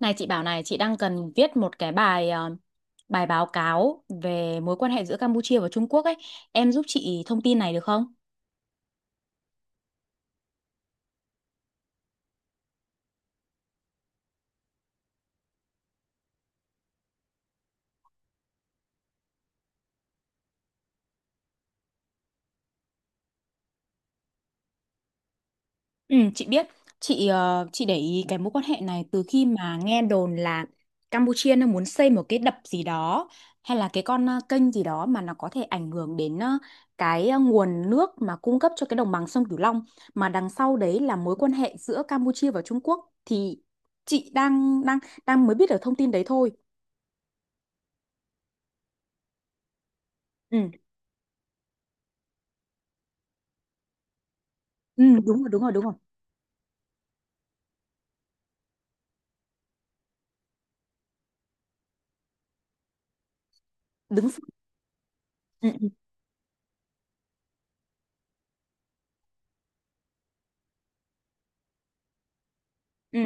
Này chị bảo này, chị đang cần viết một cái bài bài báo cáo về mối quan hệ giữa Campuchia và Trung Quốc ấy. Em giúp chị thông tin này được không? Ừ, chị biết. Chị để ý cái mối quan hệ này từ khi mà nghe đồn là Campuchia nó muốn xây một cái đập gì đó hay là cái con kênh gì đó mà nó có thể ảnh hưởng đến cái nguồn nước mà cung cấp cho cái đồng bằng sông Cửu Long, mà đằng sau đấy là mối quan hệ giữa Campuchia và Trung Quốc, thì chị đang đang đang mới biết được thông tin đấy thôi. Ừ. Ừ, đúng rồi, đúng rồi, đúng rồi. Đứng sau. Ừ, ừ, ừ,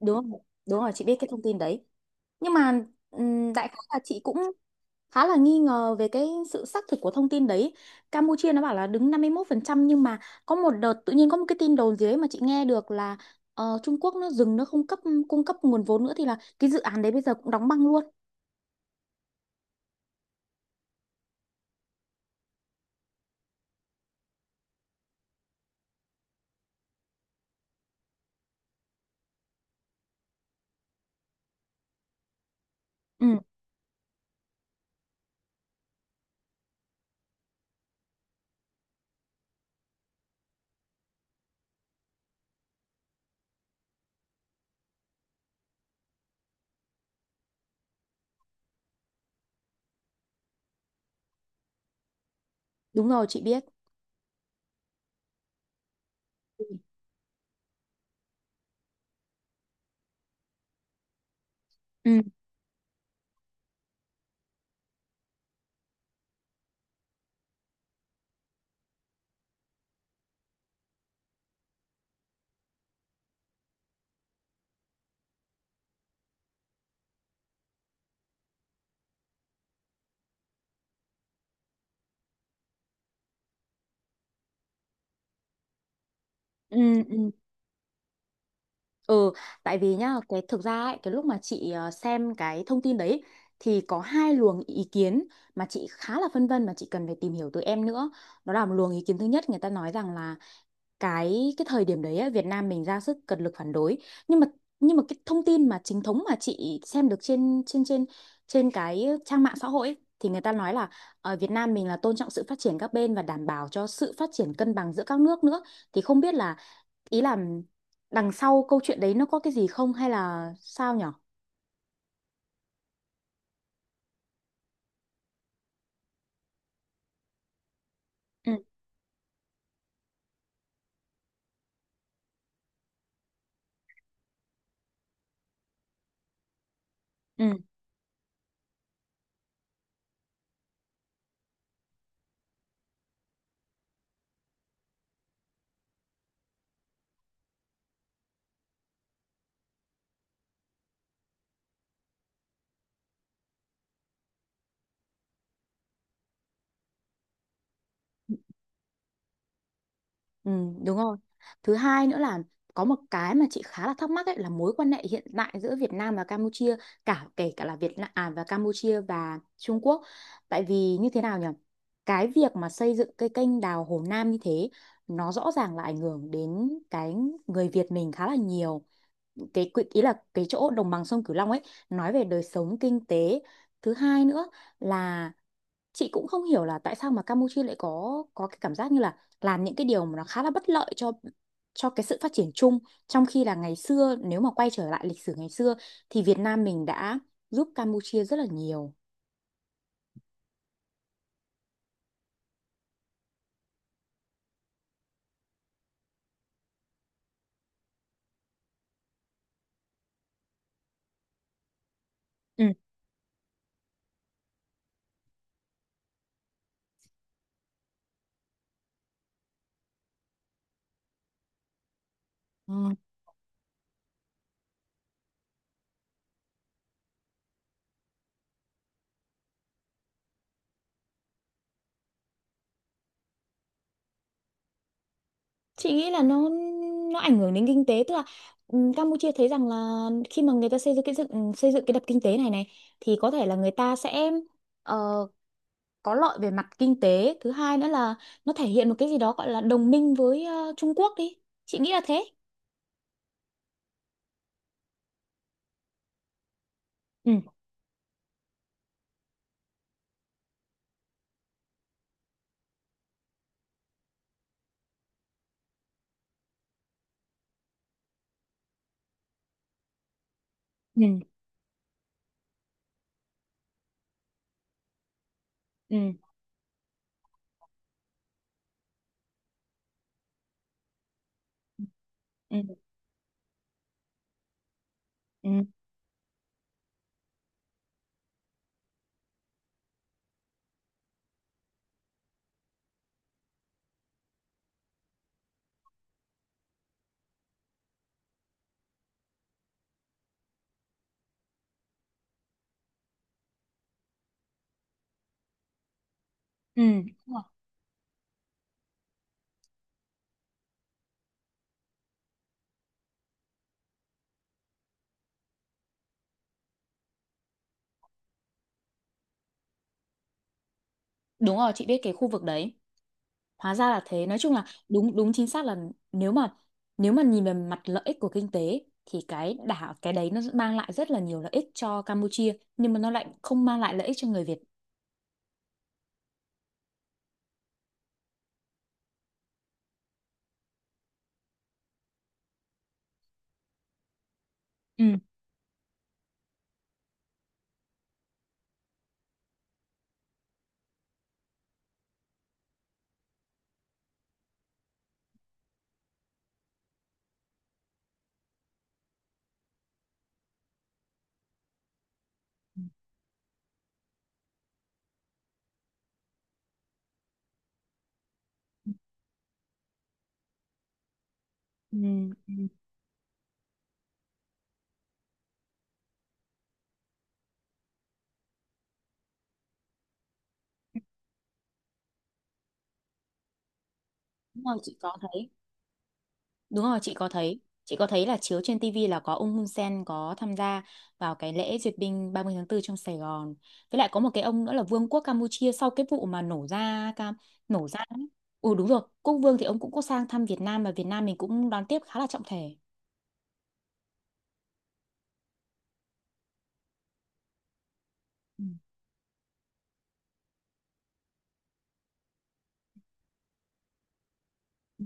đúng rồi. Đúng rồi, chị biết cái thông tin đấy. Nhưng mà đại khái là chị cũng khá là nghi ngờ về cái sự xác thực của thông tin đấy. Campuchia nó bảo là đứng 51%, nhưng mà có một đợt tự nhiên có một cái tin đồn dưới mà chị nghe được là Trung Quốc nó dừng, nó không cung cấp nguồn vốn nữa, thì là cái dự án đấy bây giờ cũng đóng băng luôn. Ừ, đúng rồi, chị biết. Ừ, ừ, ừ. Ừ. Ừ, tại vì nhá, cái thực ra ấy, cái lúc mà chị xem cái thông tin đấy thì có hai luồng ý kiến mà chị khá là phân vân, mà chị cần phải tìm hiểu từ em nữa. Đó là, một luồng ý kiến thứ nhất, người ta nói rằng là cái thời điểm đấy ấy, Việt Nam mình ra sức cật lực phản đối. Nhưng mà nhưng mà cái thông tin mà chính thống mà chị xem được trên trên trên trên cái trang mạng xã hội ấy, thì người ta nói là ở Việt Nam mình là tôn trọng sự phát triển các bên và đảm bảo cho sự phát triển cân bằng giữa các nước nữa. Thì không biết là, ý là, đằng sau câu chuyện đấy nó có cái gì không hay là sao nhở? Ừ, ừ, ừ, đúng rồi. Thứ hai nữa là có một cái mà chị khá là thắc mắc ấy, là mối quan hệ hiện tại giữa Việt Nam và Campuchia, cả kể cả là Việt Nam và Campuchia và Trung Quốc. Tại vì như thế nào nhở? Cái việc mà xây dựng cái kênh đào Hồ Nam như thế nó rõ ràng là ảnh hưởng đến cái người Việt mình khá là nhiều. Cái ý là cái chỗ đồng bằng sông Cửu Long ấy, nói về đời sống kinh tế. Thứ hai nữa là chị cũng không hiểu là tại sao mà Campuchia lại có cái cảm giác như là làm những cái điều mà nó khá là bất lợi cho cái sự phát triển chung, trong khi là ngày xưa, nếu mà quay trở lại lịch sử ngày xưa, thì Việt Nam mình đã giúp Campuchia rất là nhiều. Ừ. Ừ. Chị nghĩ là nó ảnh hưởng đến kinh tế, tức là Campuchia thấy rằng là khi mà người ta xây dựng cái dựng xây dựng cái đập kinh tế này này thì có thể là người ta sẽ có lợi về mặt kinh tế. Thứ hai nữa là nó thể hiện một cái gì đó gọi là đồng minh với Trung Quốc đi. Chị nghĩ là thế. Ừ. Ừ. Ừ. Ừ. Ừ. Ừ. Đúng rồi, đúng rồi, chị biết cái khu vực đấy. Hóa ra là thế. Nói chung là đúng đúng chính xác là, nếu mà nếu mà nhìn về mặt lợi ích của kinh tế thì cái đấy nó mang lại rất là nhiều lợi ích cho Campuchia, nhưng mà nó lại không mang lại lợi ích cho người Việt. Ừ. Ừ. Ừ. Đúng rồi, chị có thấy. Đúng rồi, chị có thấy. Chị có thấy là chiếu trên TV là có ông Hun Sen có tham gia vào cái lễ duyệt binh 30 tháng 4 trong Sài Gòn. Với lại có một cái ông nữa là Vương quốc Campuchia, sau cái vụ mà nổ ra cam nổ ra. Ấy. Ừ, đúng rồi, Quốc Vương thì ông cũng có sang thăm Việt Nam và Việt Nam mình cũng đón tiếp khá là trọng thể. Ừ. Ừ.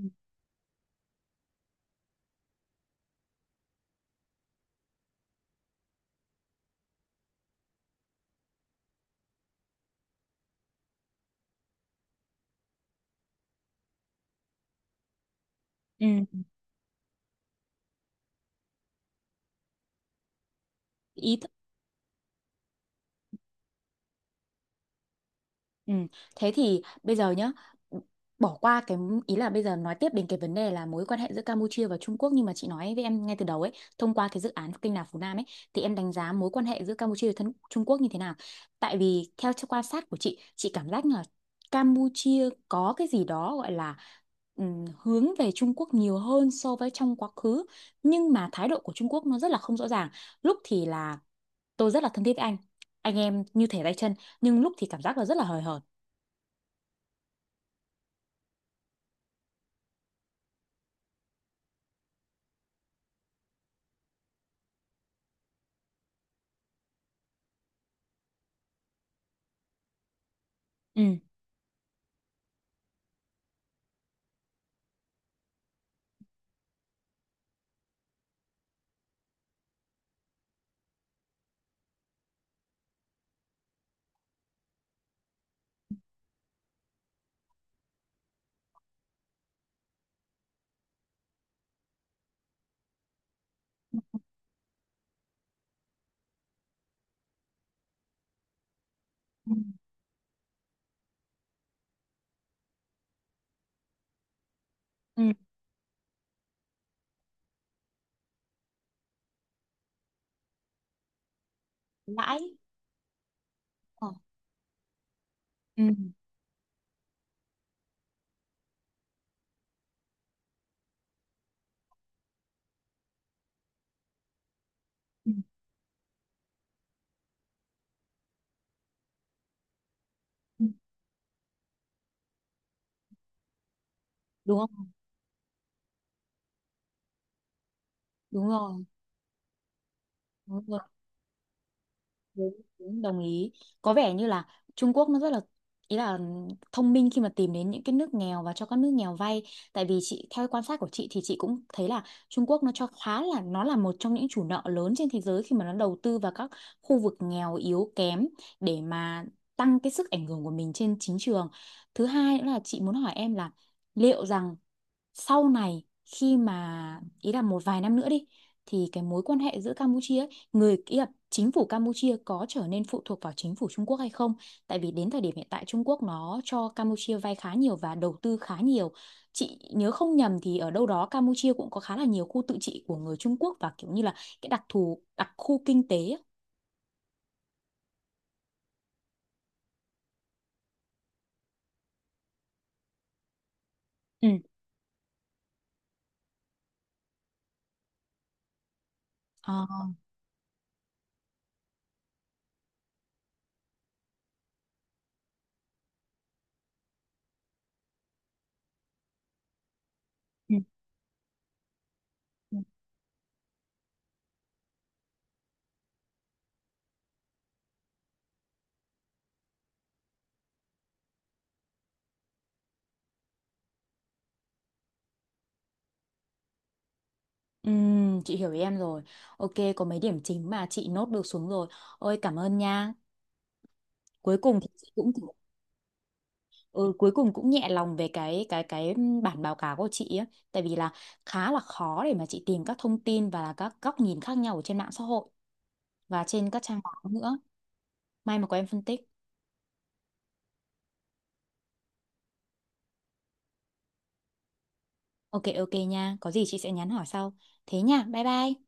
Ừ. Ý. Ừ. Thế thì bây giờ nhá, bỏ qua cái, ý là bây giờ nói tiếp đến cái vấn đề là mối quan hệ giữa Campuchia và Trung Quốc, nhưng mà chị nói với em ngay từ đầu ấy, thông qua cái dự án kênh đào Phú Nam ấy, thì em đánh giá mối quan hệ giữa Campuchia và Trung Quốc như thế nào? Tại vì theo quan sát của chị cảm giác là Campuchia có cái gì đó gọi là hướng về Trung Quốc nhiều hơn so với trong quá khứ, nhưng mà thái độ của Trung Quốc nó rất là không rõ ràng. Lúc thì là tôi rất là thân thiết với anh em như thể tay chân, nhưng lúc thì cảm giác là rất là hời hợt. Ừ. Ừ. Ừ. Lãi. Ờ, ừ, ừ, ừ, đúng không, đúng rồi, đúng rồi, đúng, đúng, đồng ý. Có vẻ như là Trung Quốc nó rất là, ý là, thông minh khi mà tìm đến những cái nước nghèo và cho các nước nghèo vay. Tại vì chị, theo quan sát của chị thì chị cũng thấy là Trung Quốc nó cho khá là nó là một trong những chủ nợ lớn trên thế giới khi mà nó đầu tư vào các khu vực nghèo yếu kém để mà tăng cái sức ảnh hưởng của mình trên chính trường. Thứ hai nữa là chị muốn hỏi em là liệu rằng sau này, khi mà, ý là, một vài năm nữa đi, thì cái mối quan hệ giữa Campuchia ấy, người, ý là chính phủ Campuchia, có trở nên phụ thuộc vào chính phủ Trung Quốc hay không? Tại vì đến thời điểm hiện tại Trung Quốc nó cho Campuchia vay khá nhiều và đầu tư khá nhiều. Chị nhớ không nhầm thì ở đâu đó Campuchia cũng có khá là nhiều khu tự trị của người Trung Quốc, và kiểu như là cái đặc khu kinh tế ấy. Ừ. Ờ, ừ. Ừ. Chị hiểu ý em rồi. Ok, có mấy điểm chính mà chị nốt được xuống rồi. Ôi cảm ơn nha. Cuối cùng thì chị cũng, ừ, cuối cùng cũng nhẹ lòng về cái bản báo cáo của chị á, tại vì là khá là khó để mà chị tìm các thông tin và là các góc nhìn khác nhau ở trên mạng xã hội và trên các trang báo nữa. May mà có em phân tích. Ok ok nha, có gì chị sẽ nhắn hỏi sau. Thế nha, bye bye.